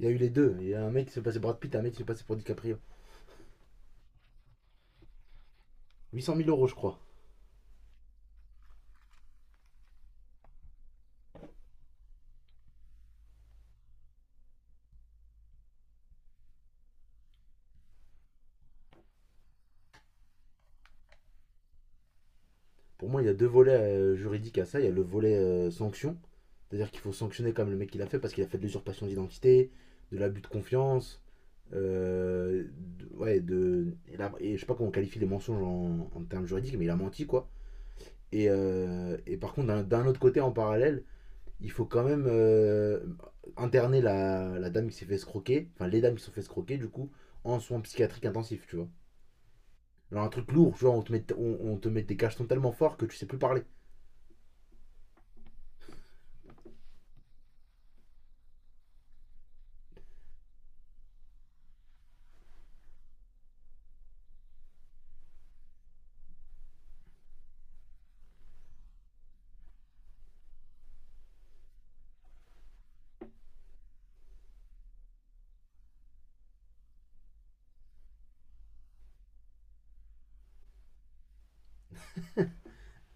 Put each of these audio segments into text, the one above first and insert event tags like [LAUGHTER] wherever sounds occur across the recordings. Il y a eu les deux. Il y a un mec qui s'est passé pour Brad Pitt, un mec qui s'est passé pour DiCaprio. Huit cent mille euros, je crois. Pour moi, il y a deux volets juridiques à ça. Il y a le volet sanction. C'est-à-dire qu'il faut sanctionner comme le mec qui l'a fait parce qu'il a fait de l'usurpation d'identité, de l'abus de confiance. Euh, de- ouais, de. Et la- et je sais pas comment on qualifie les mensonges en termes juridiques, mais il a menti, quoi. Et par contre, d'un autre côté, en parallèle, il faut quand même interner la dame qui s'est fait escroquer, enfin les dames qui se sont fait escroquer, du coup, en soins psychiatriques intensifs, tu vois. Genre un truc lourd, genre on te met, on te met des cachetons tellement forts que tu sais plus parler. De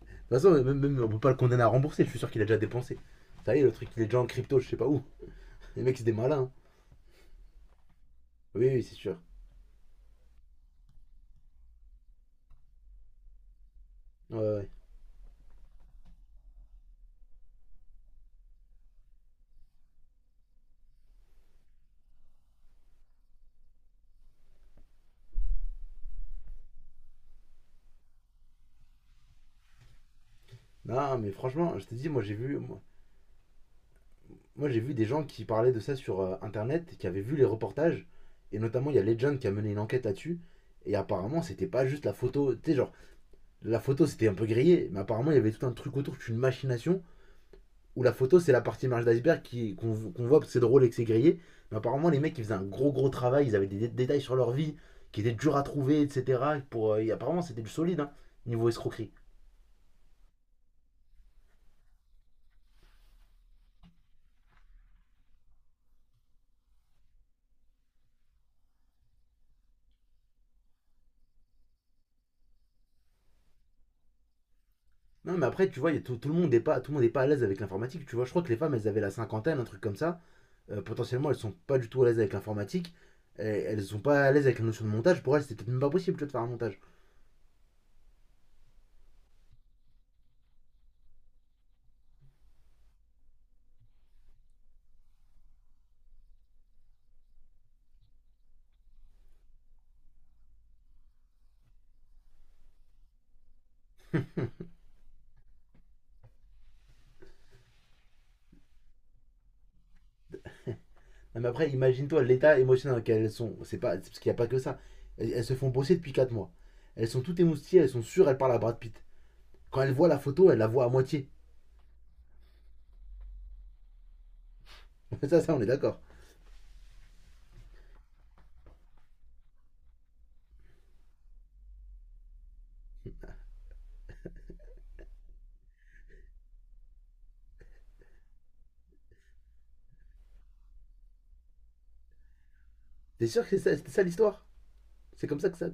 toute façon, même, on peut pas le condamner à rembourser, je suis sûr qu'il a déjà dépensé. Ça y est, le truc, il est déjà en crypto, je sais pas où. Les mecs, c'est des malins, hein. Oui, oui, c'est sûr. Ouais, ouais. Non, mais franchement, je te dis, moi j'ai vu, moi, moi, j'ai vu des gens qui parlaient de ça sur internet, qui avaient vu les reportages, et notamment il y a Legend qui a mené une enquête là-dessus, et apparemment c'était pas juste la photo, tu sais, genre la photo c'était un peu grillé, mais apparemment il y avait tout un truc autour, une machination, où la photo, c'est la partie marge d'iceberg qu'on voit parce que c'est drôle et que c'est grillé. Mais apparemment, les mecs, ils faisaient un gros, gros travail. Ils avaient des détails sur leur vie qui étaient durs à trouver, etc. Et apparemment, c'était du solide, hein, niveau escroquerie. Non, mais après, tu vois, y a tout, tout le monde n'est pas, tout le monde est pas à l'aise avec l'informatique. Tu vois, je crois que les femmes, elles avaient la cinquantaine, un truc comme ça. Potentiellement, elles sont pas du tout à l'aise avec l'informatique. Elles sont pas à l'aise avec la notion de montage. Pour elles, c'était peut-être même pas possible tu vois, de faire un montage. Non, mais après, imagine-toi l'état émotionnel dans lequel elles sont. C'est pas, C'est parce qu'il n'y a pas que ça. Elles, elles se font bosser depuis 4 mois. Elles sont toutes émoustillées, elles sont sûres, elles parlent à Brad Pitt. Quand elles voient la photo, elles la voient à moitié. [LAUGHS] Ça, on est d'accord. T'es sûr que c'est ça, c'était ça l'histoire? C'est comme ça que ça.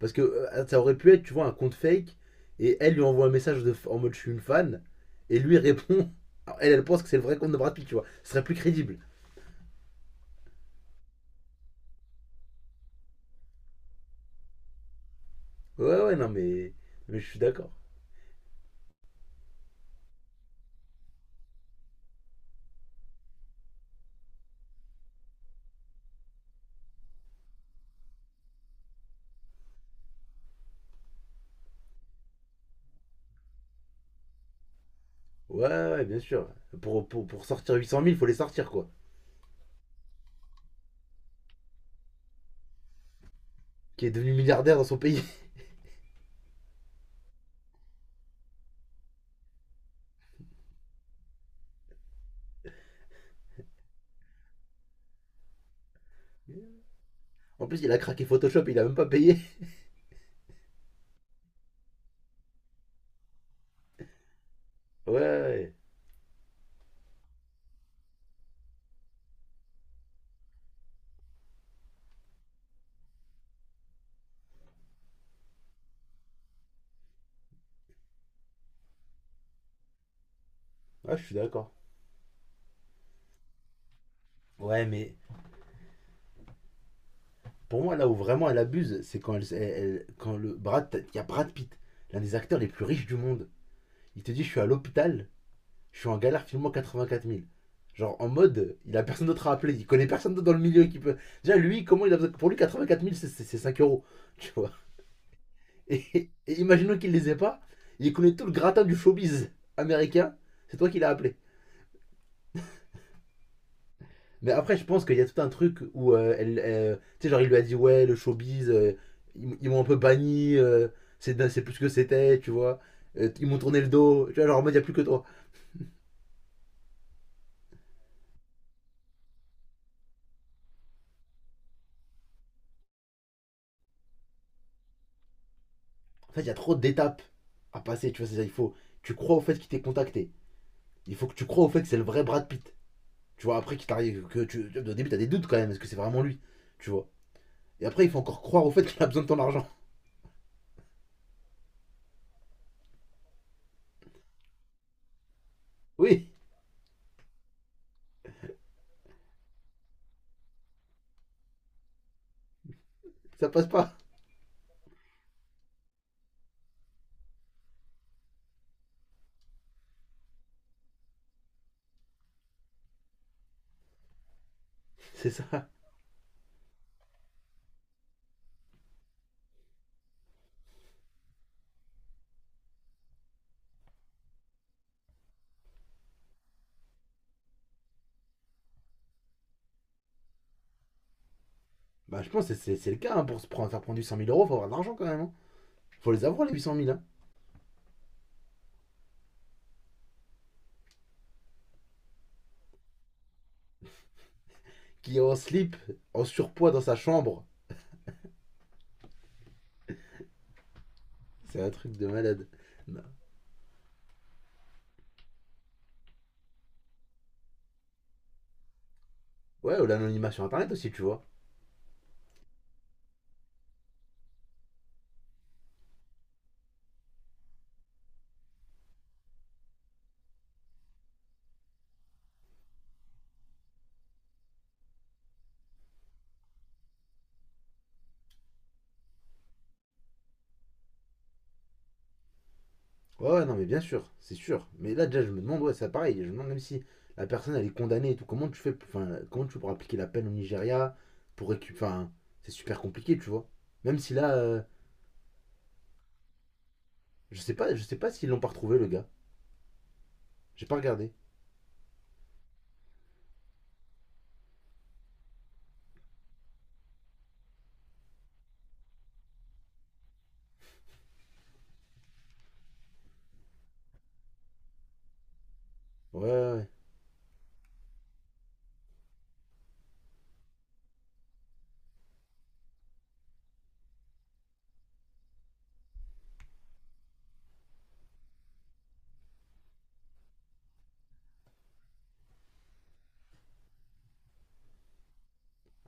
Parce que ça aurait pu être, tu vois, un compte fake. Et elle lui envoie un message de, en mode je suis une fan. Et lui [LAUGHS] répond. Alors, elle, elle pense que c'est le vrai compte de Brad Pitt, tu vois. Ce serait plus crédible. Ouais, ouais, non, mais je suis d'accord. Ouais, ouais, bien sûr. Pour sortir 800 000, il faut les sortir, quoi. Qui est devenu milliardaire dans son pays. En plus, il a craqué Photoshop, il a même pas payé. [LAUGHS] Ouais, ouais. Ah, je suis d'accord. Ouais, mais pour moi, là où vraiment elle abuse, c'est quand, quand le Brad, il y a Brad Pitt, l'un des acteurs les plus riches du monde. Il te dit, je suis à l'hôpital, je suis en galère, filme-moi 84 000. Genre en mode, il a personne d'autre à appeler, il connaît personne d'autre dans le milieu qui peut. Déjà, lui, comment il a besoin. Pour lui, 84 000, c'est 5 euros, [LAUGHS] tu vois. Et imaginons qu'il les ait pas, il connaît tout le gratin du showbiz américain, c'est toi qui l'as appelé. Mais après, je pense qu'il y a tout un truc où elle, tu sais, genre il lui a dit ouais, le showbiz, ils m'ont un peu banni, c'est plus ce que c'était, tu vois. Ils m'ont tourné le dos, tu vois, genre en mode il y a plus que toi. En fait, il y a trop d'étapes à passer, tu vois, c'est ça, il faut tu crois au fait qu'il t'ait contacté. Il faut que tu crois au fait que c'est le vrai Brad Pitt. Tu vois, après qu'il t'arrive que tu au début t'as des doutes quand même, est-ce que c'est vraiment lui, tu vois. Et après, il faut encore croire au fait qu'il a besoin de ton argent. [LAUGHS] Oui, ça passe pas. [LAUGHS] C'est ça. Bah, je pense que c'est le cas, hein, pour se prendre, faire prendre du cent mille euros, faut avoir de l'argent quand même, hein. Faut les avoir, les 800 000, hein. Qui est en slip, en surpoids dans sa chambre. C'est un truc de malade. Non. Ouais, ou l'anonymat sur internet aussi, tu vois. Ouais, ouais, non, mais bien sûr, c'est sûr. Mais là, déjà, je me demande, ouais, c'est pareil. Je me demande même si la personne, elle est condamnée et tout. Comment tu fais, enfin, comment tu pourras appliquer la peine au Nigeria pour récupérer. Enfin, c'est super compliqué, tu vois. Même si là, je sais pas s'ils l'ont pas retrouvé, le gars. J'ai pas regardé. Ouais, ouais, ouais.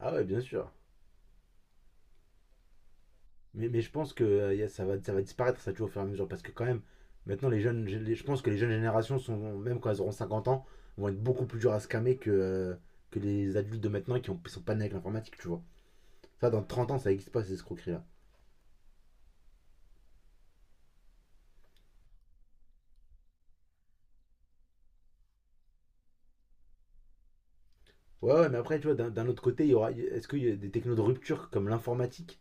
Ah ouais, bien sûr. Mais je pense que ça va disparaître, ça, tu vois, au fur et à mesure. Parce que, quand même, maintenant, les jeunes, je pense que les jeunes générations, sont, même quand elles auront 50 ans, vont être beaucoup plus dures à scammer que, que les adultes de maintenant qui ont, sont pas nés avec l'informatique, tu vois. Ça, dans 30 ans, ça n'existe pas, ces escroqueries-là. Ouais, ouais, mais après, tu vois, d'un autre côté, il y aura, est-ce qu'il y a des technos de rupture comme l'informatique.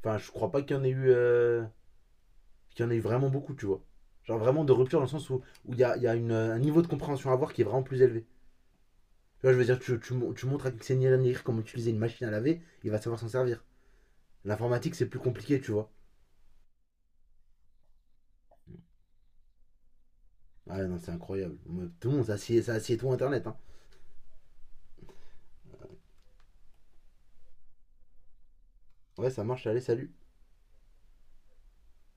Enfin, je crois pas qu'il y en ait eu vraiment beaucoup, tu vois. Genre vraiment de rupture dans le sens où il y a, un niveau de compréhension à avoir qui est vraiment plus élevé. Tu vois, je veux dire, tu montres à Xenia Negri comment utiliser une machine à laver, il va savoir s'en servir. L'informatique, c'est plus compliqué, tu vois. Ah non, c'est incroyable. Tout le monde, ça assied tout Internet. Hein. Ouais, ça marche, allez, salut.